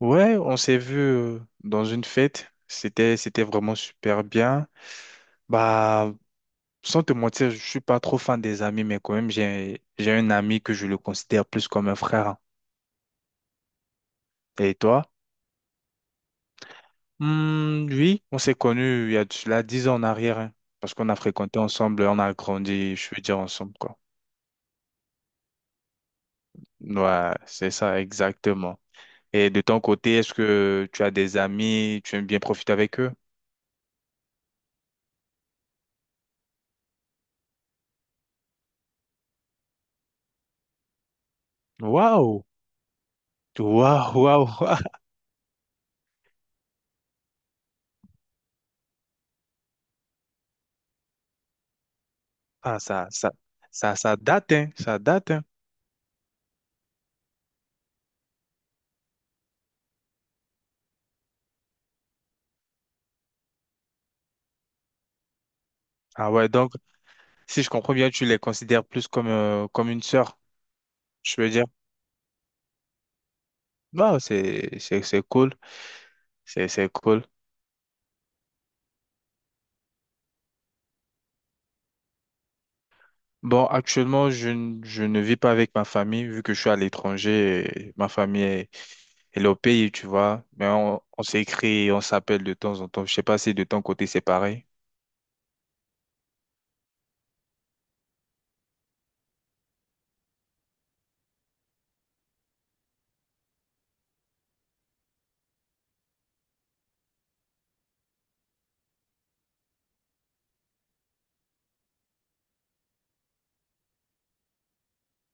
Ouais, on s'est vu dans une fête. C'était vraiment super bien. Bah, sans te mentir, je suis pas trop fan des amis, mais quand même, j'ai un ami que je le considère plus comme un frère, hein. Et toi? Hmm, oui, on s'est connus il y a de cela 10 ans en arrière, hein, parce qu'on a fréquenté ensemble, on a grandi, je veux dire ensemble, quoi. Ouais, c'est ça, exactement. Et de ton côté, est-ce que tu as des amis, tu aimes bien profiter avec eux? Waouh! Waouh, waouh! Ah, ça date, hein, ça date, hein. Ah ouais, donc, si je comprends bien, tu les considères plus comme, comme une sœur, je veux dire. Bah, c'est cool, c'est cool. Bon, actuellement, je ne vis pas avec ma famille, vu que je suis à l'étranger, et elle est au pays, tu vois. Mais on s'écrit, on s'appelle de temps en temps. Je sais pas si de ton côté, c'est pareil.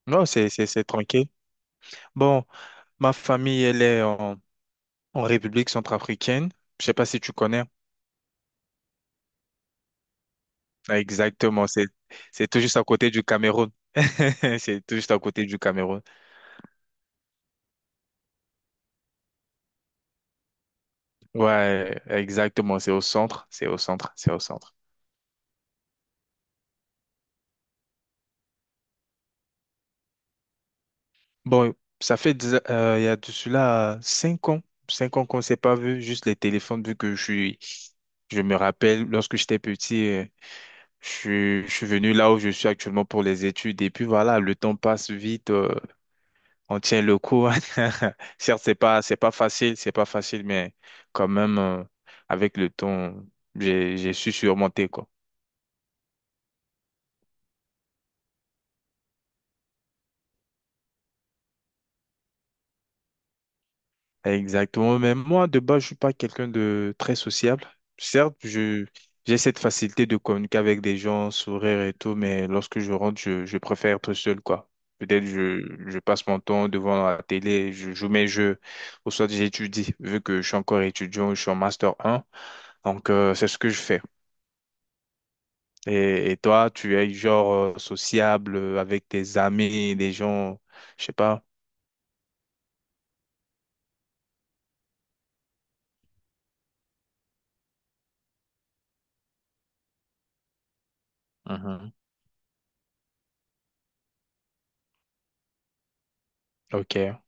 Non, c'est tranquille. Bon, ma famille, elle est en République centrafricaine. Je sais pas si tu connais. Ah, exactement, c'est tout juste à côté du Cameroun. C'est tout juste à côté du Cameroun. Ouais, exactement, c'est au centre, c'est au centre, c'est au centre. Bon, il y a de cela 5 ans, 5 ans qu'on ne s'est pas vu, juste les téléphones, vu que je suis, je me rappelle lorsque j'étais petit, je suis venu là où je suis actuellement pour les études, et puis voilà, le temps passe vite, on tient le coup. Certes, c'est pas facile, mais quand même, avec le temps, j'ai su surmonter, quoi. Exactement. Mais moi, de base, je suis pas quelqu'un de très sociable. Certes, j'ai cette facilité de communiquer avec des gens, sourire et tout, mais lorsque je rentre, je préfère être seul, quoi. Peut-être je passe mon temps devant la télé, je joue mes jeux, ou soit j'étudie, vu que je suis encore étudiant, je suis en master un. Donc, c'est ce que je fais. Et toi, tu es genre sociable avec tes amis, des gens, je sais pas. Mhm. Ok.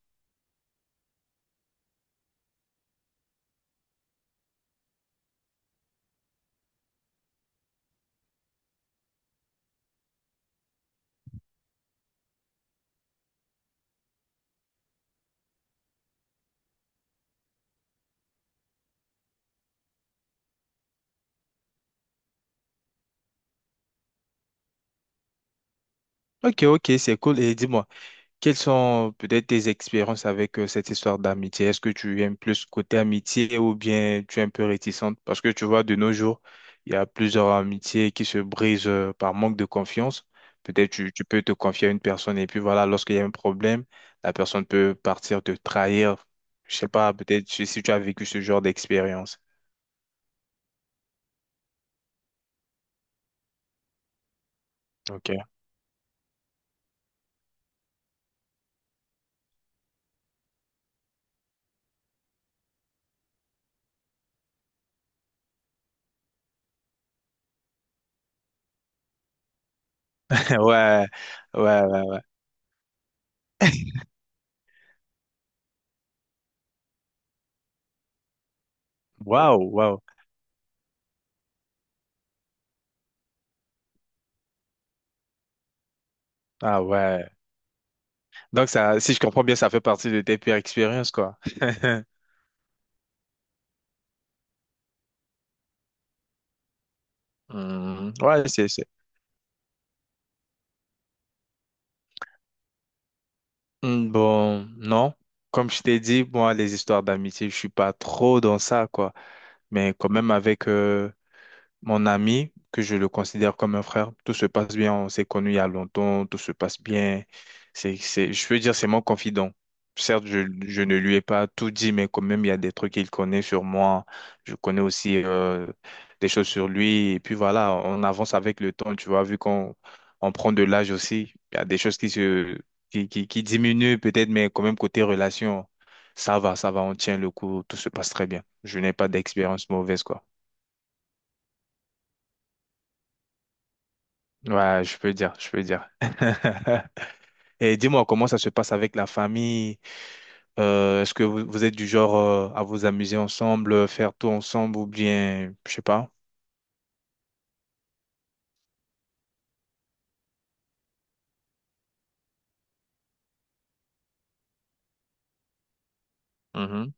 Ok, ok, c'est cool. Et dis-moi. Quelles sont peut-être tes expériences avec cette histoire d'amitié? Est-ce que tu aimes plus côté amitié ou bien tu es un peu réticente? Parce que tu vois, de nos jours, il y a plusieurs amitiés qui se brisent par manque de confiance. Peut-être tu peux te confier à une personne et puis voilà, lorsqu'il y a un problème, la personne peut partir te trahir. Je sais pas, peut-être si tu as vécu ce genre d'expérience. Ok. Ouais, ouais, ouais. Waouh, waouh. Ah ouais. Donc ça, si je comprends bien, ça fait partie de tes pires expériences, quoi. Hmm, ouais, Bon, non. Comme je t'ai dit, moi, les histoires d'amitié, je suis pas trop dans ça, quoi. Mais quand même, mon ami, que je le considère comme un frère, tout se passe bien, on s'est connus il y a longtemps, tout se passe bien. Je veux dire, c'est mon confident. Certes, je ne lui ai pas tout dit, mais quand même, il y a des trucs qu'il connaît sur moi. Je connais aussi des choses sur lui. Et puis voilà, on avance avec le temps, tu vois, vu qu'on on prend de l'âge aussi. Il y a des choses qui se, qui diminuent peut-être, mais quand même, côté relation, ça va, on tient le coup, tout se passe très bien. Je n'ai pas d'expérience mauvaise, quoi. Ouais, je peux dire, je peux dire. Et dis-moi, comment ça se passe avec la famille? Est-ce que vous êtes du genre à vous amuser ensemble, faire tout ensemble ou bien, je sais pas. Mhm,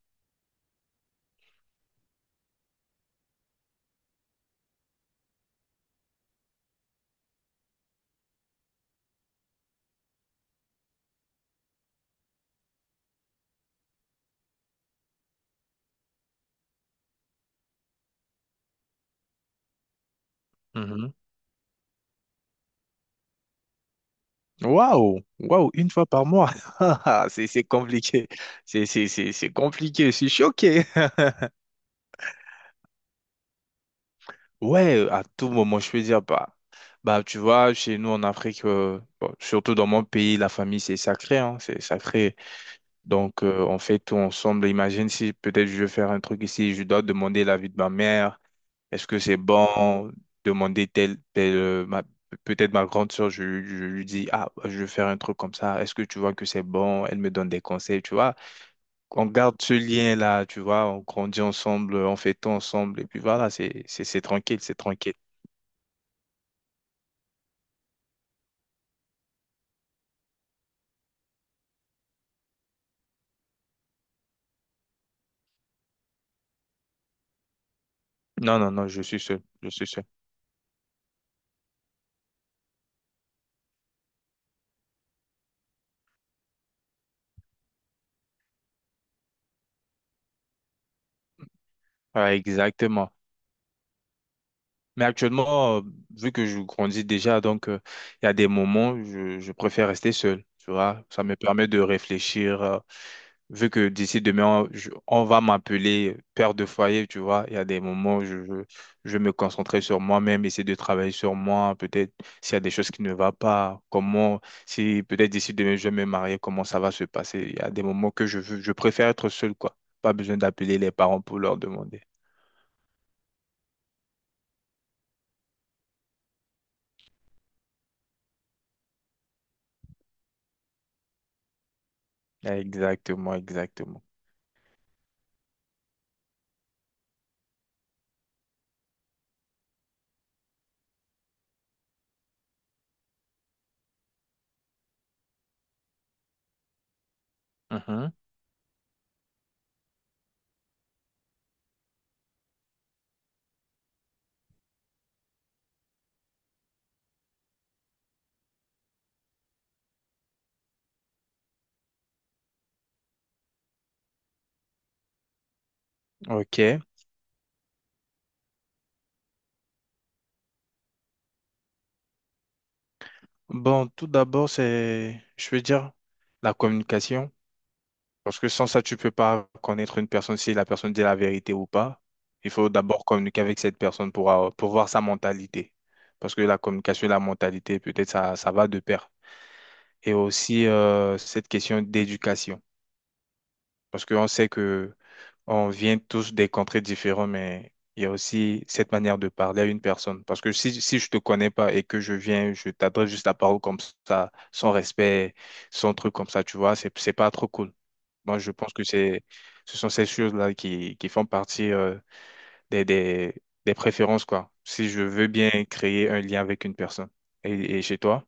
mhm. Waouh, waouh, une fois par mois. C'est compliqué. C'est compliqué. Je suis choqué. Ouais, à tout moment, je peux dire, bah, tu vois, chez nous en Afrique, bon, surtout dans mon pays, la famille, c'est sacré, hein, c'est sacré. Donc, on fait tout ensemble. Imagine si peut-être je veux faire un truc ici, je dois demander l'avis de ma mère. Est-ce que c'est bon? Demander tel, tel, peut-être ma grande soeur, je lui dis, ah, je veux faire un truc comme ça. Est-ce que tu vois que c'est bon? Elle me donne des conseils, tu vois. On garde ce lien-là, tu vois. On grandit ensemble, on fait tout ensemble. Et puis voilà, c'est tranquille, c'est tranquille. Non, non, non, je suis seul, je suis seul. Ouais, exactement. Mais actuellement, vu que je grandis déjà, donc il y a des moments où je préfère rester seul. Tu vois, ça me permet de réfléchir. Vu que d'ici demain, on va m'appeler père de foyer, tu vois, il y a des moments où je vais me concentrer sur moi-même, essayer de travailler sur moi. Peut-être s'il y a des choses qui ne vont pas, comment, si peut-être d'ici demain je vais me marier, comment ça va se passer. Il y a des moments je préfère être seul, quoi. Pas besoin d'appeler les parents pour leur demander. Exactement, exactement. Mhm. Ok. Bon, tout d'abord, c'est, je veux dire, la communication. Parce que sans ça, tu peux pas connaître une personne si la personne dit la vérité ou pas. Il faut d'abord communiquer avec cette personne pour voir sa mentalité. Parce que la communication et la mentalité, peut-être, ça va de pair. Et aussi, cette question d'éducation. Parce qu'on sait que on vient tous des contrées différents mais il y a aussi cette manière de parler à une personne. Parce que si je te connais pas et que je viens, je t'adresse juste la parole comme ça, sans respect, sans truc comme ça, tu vois, c'est pas trop cool. Moi, je pense que ce sont ces choses-là qui font partie, des, des, des préférences, quoi. Si je veux bien créer un lien avec une personne. Et chez toi?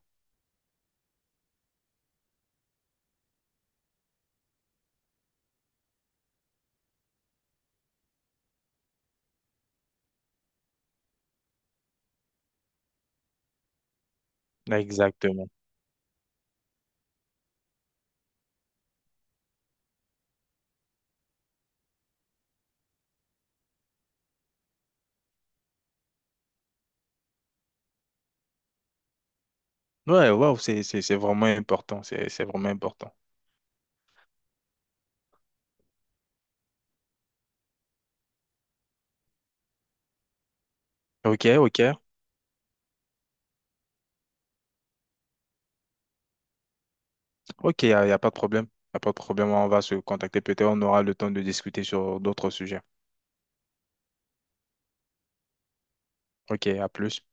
Exactement. Ouais, wow, c'est vraiment important. C'est vraiment important. Ok, ok. Ok, y a pas de problème. Il a pas de problème. On va se contacter. Peut-être on aura le temps de discuter sur d'autres sujets. Ok, à plus.